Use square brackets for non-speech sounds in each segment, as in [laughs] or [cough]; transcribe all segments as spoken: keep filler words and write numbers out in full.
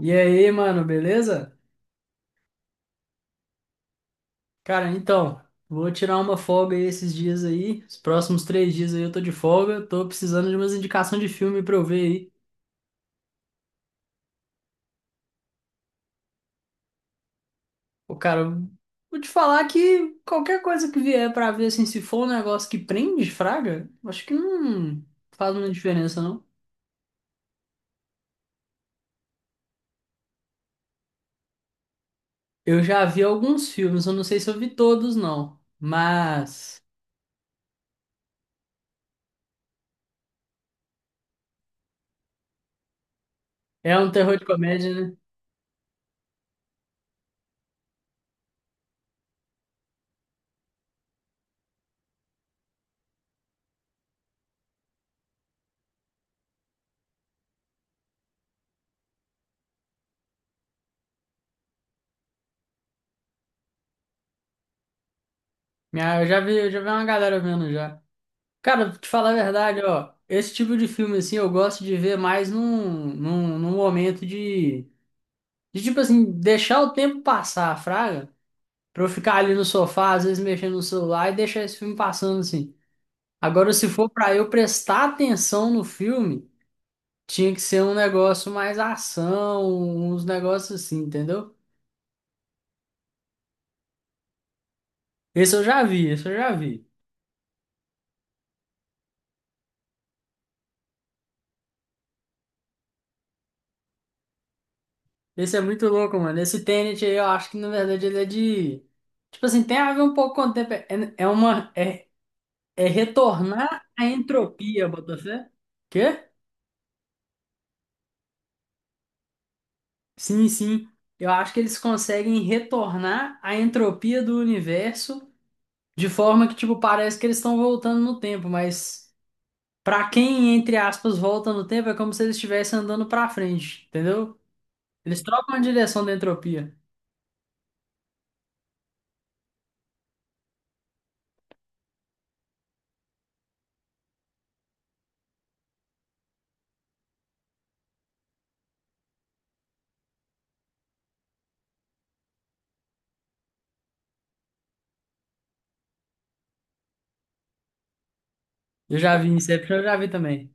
E aí, mano, beleza? Cara, então, vou tirar uma folga aí esses dias aí. Os próximos três dias aí eu tô de folga. Tô precisando de umas indicações de filme pra eu ver aí. Ô, cara, eu vou te falar que qualquer coisa que vier pra ver, assim, se for um negócio que prende, fraga, acho que não faz muita diferença, não. Eu já vi alguns filmes, eu não sei se eu vi todos, não. Mas é um terror de comédia, né? Minha- Eu já vi, eu já vi uma galera vendo já. Cara, pra te falar a verdade, ó, esse tipo de filme, assim, eu gosto de ver mais num, num, num momento de, de, tipo assim, deixar o tempo passar, fraga, pra eu ficar ali no sofá, às vezes mexendo no celular e deixar esse filme passando, assim. Agora, se for pra eu prestar atenção no filme, tinha que ser um negócio mais ação, uns negócios assim, entendeu? Esse eu já vi, esse eu já vi. Esse é muito louco, mano. Esse Tenet aí, eu acho que, na verdade, ele é de... Tipo assim, tem a ver um pouco com o tempo. É, é uma. É É retornar a entropia, Botafé. Quê? Sim, sim. Eu acho que eles conseguem retornar a entropia do universo de forma que, tipo, parece que eles estão voltando no tempo, mas pra quem, entre aspas, volta no tempo, é como se eles estivessem andando pra frente, entendeu? Eles trocam a direção da entropia. Eu já vi Inception, eu já vi também.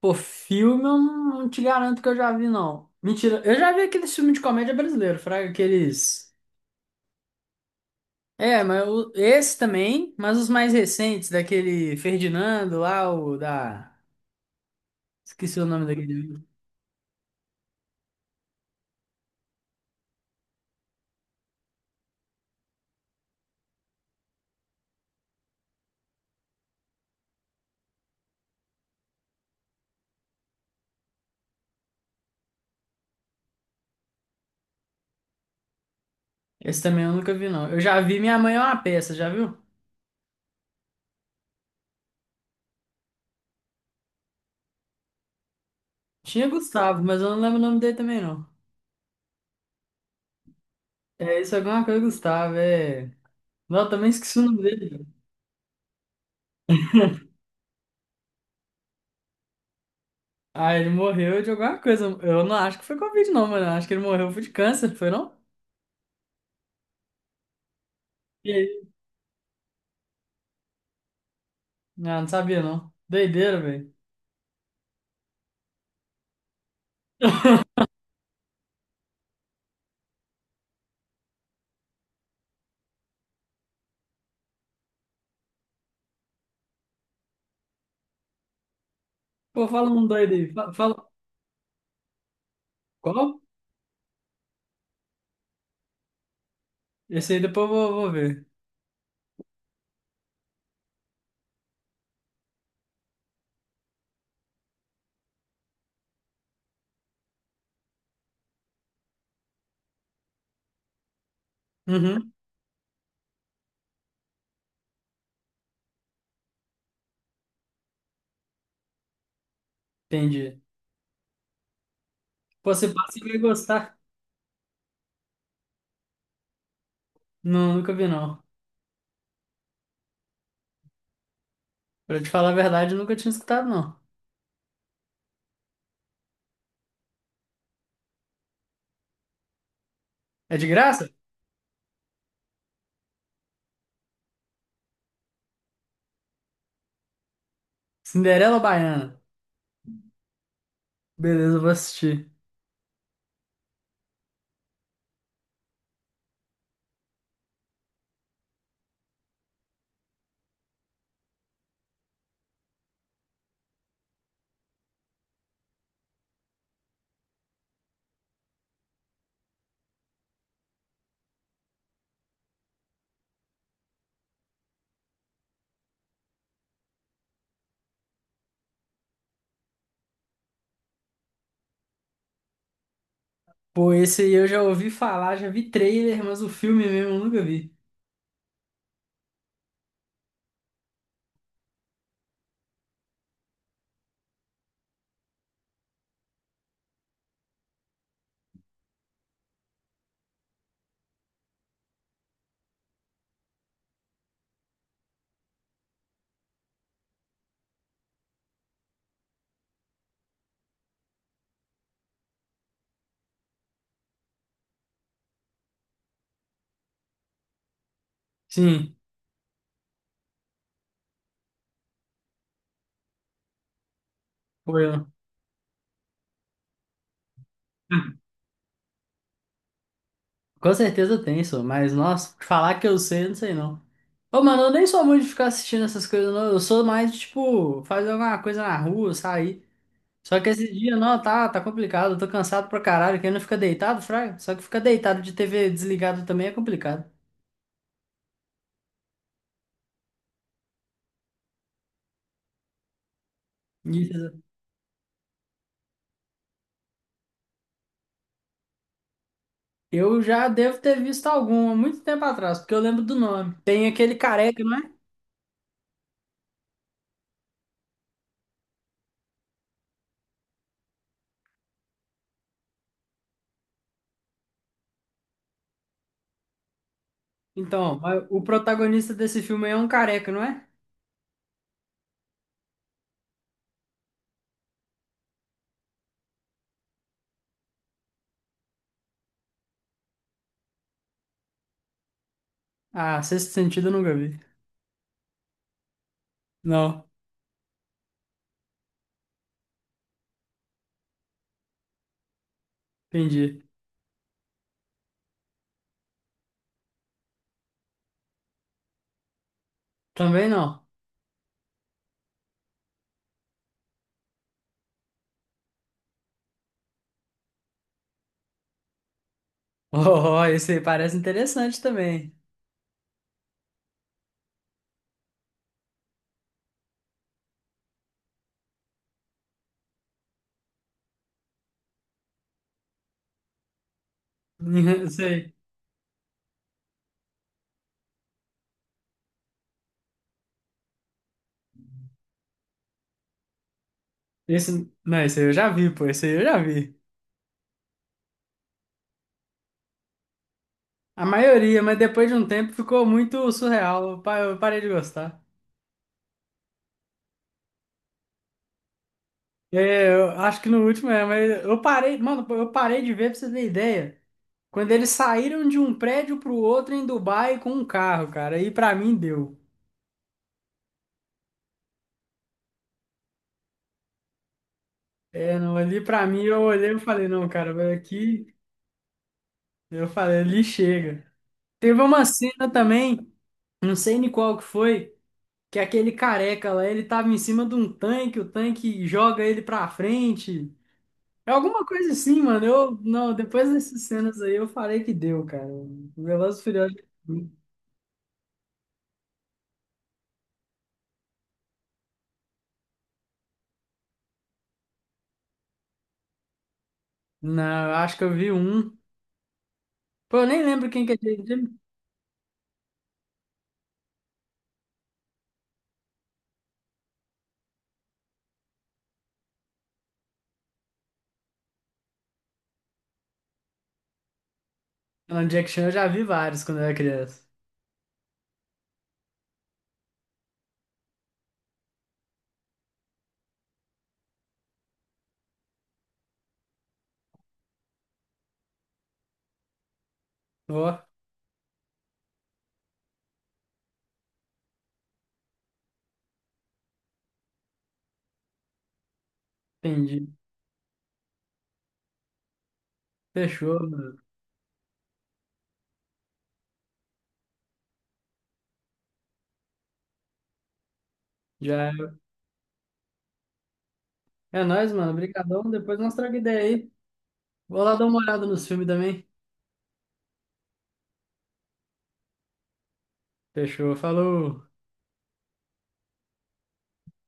Pô, filme eu não, não te garanto que eu já vi, não. Mentira, eu já vi aqueles filmes de comédia brasileiro, fraga, aqueles. É, mas o- esse também, mas os mais recentes, daquele Ferdinando lá, o da. Esqueci o nome daquele amigo. Esse também eu nunca vi, não. Eu já vi Minha Mãe é uma Peça, já viu? Tinha Gustavo, mas eu não lembro o nome dele também, não. É, isso é alguma coisa, Gustavo, é. Não, eu também esqueci o nome dele. Ah, ele morreu de alguma coisa. Eu não acho que foi Covid, não, mano. Eu acho que ele morreu foi de câncer, foi não? E aí? Não, não sabia, não. Doideira, velho. Pô, fala um doido aí. Fa- Fala. Qual? Esse aí depois eu vou, vou ver. Uhum, entendi. Pô, se passa, você vai gostar. Não, nunca vi, não. Pra te falar a verdade, eu nunca tinha escutado, não. É de graça? Cinderela Baiana. Beleza, eu vou assistir. Pô, esse aí eu já ouvi falar, já vi trailer, mas o filme mesmo eu nunca vi. Sim, foi eu. Com certeza tem, só, mas nossa, falar que eu sei, eu não sei não. Ô, mano, eu nem sou muito de ficar assistindo essas coisas, não. Eu sou mais de, tipo, fazer alguma coisa na rua, sair. Só que esse dia, não, tá, tá complicado. Eu tô cansado pra caralho. Quem não fica deitado, fraga? Só que ficar deitado de T V desligado também é complicado. Isso. Eu já devo ter visto algum há muito tempo atrás, porque eu lembro do nome. Tem aquele careca, não é? Então, mas o protagonista desse filme aí é um careca, não é? Ah, Sexto Sentido eu nunca vi. Não, entendi. Também não. [laughs] Oh, esse aí parece interessante também. [laughs] Esse aí. Esse, não, esse aí eu já vi, pô. Esse aí eu já vi. A maioria, mas depois de um tempo ficou muito surreal. Eu pa- eu parei de gostar. É, eu acho que no último é, mas eu parei, mano, eu parei de ver pra você ter ideia. Quando eles saíram de um prédio pro outro em Dubai com um carro, cara, aí pra mim deu. É, não, ali pra mim eu olhei e falei, não, cara, aqui, eu falei, ali chega. Teve uma cena também, não sei nem qual que foi, que aquele careca lá, ele tava em cima de um tanque, o tanque joga ele pra frente. É alguma coisa assim, mano. Eu, não, depois dessas cenas aí eu falei que deu, cara. O Velozes e Furiosos. Não, eu acho que eu vi um. Pô, eu nem lembro quem que é Jack Chan. Não, Jack Chan eu já vi vários quando eu era criança. Ó, entendi. Fechou, mano. Já é É nóis, mano. Obrigadão. Depois nós troca ideia aí. Vou lá dar uma olhada nos filmes também. Fechou, falou.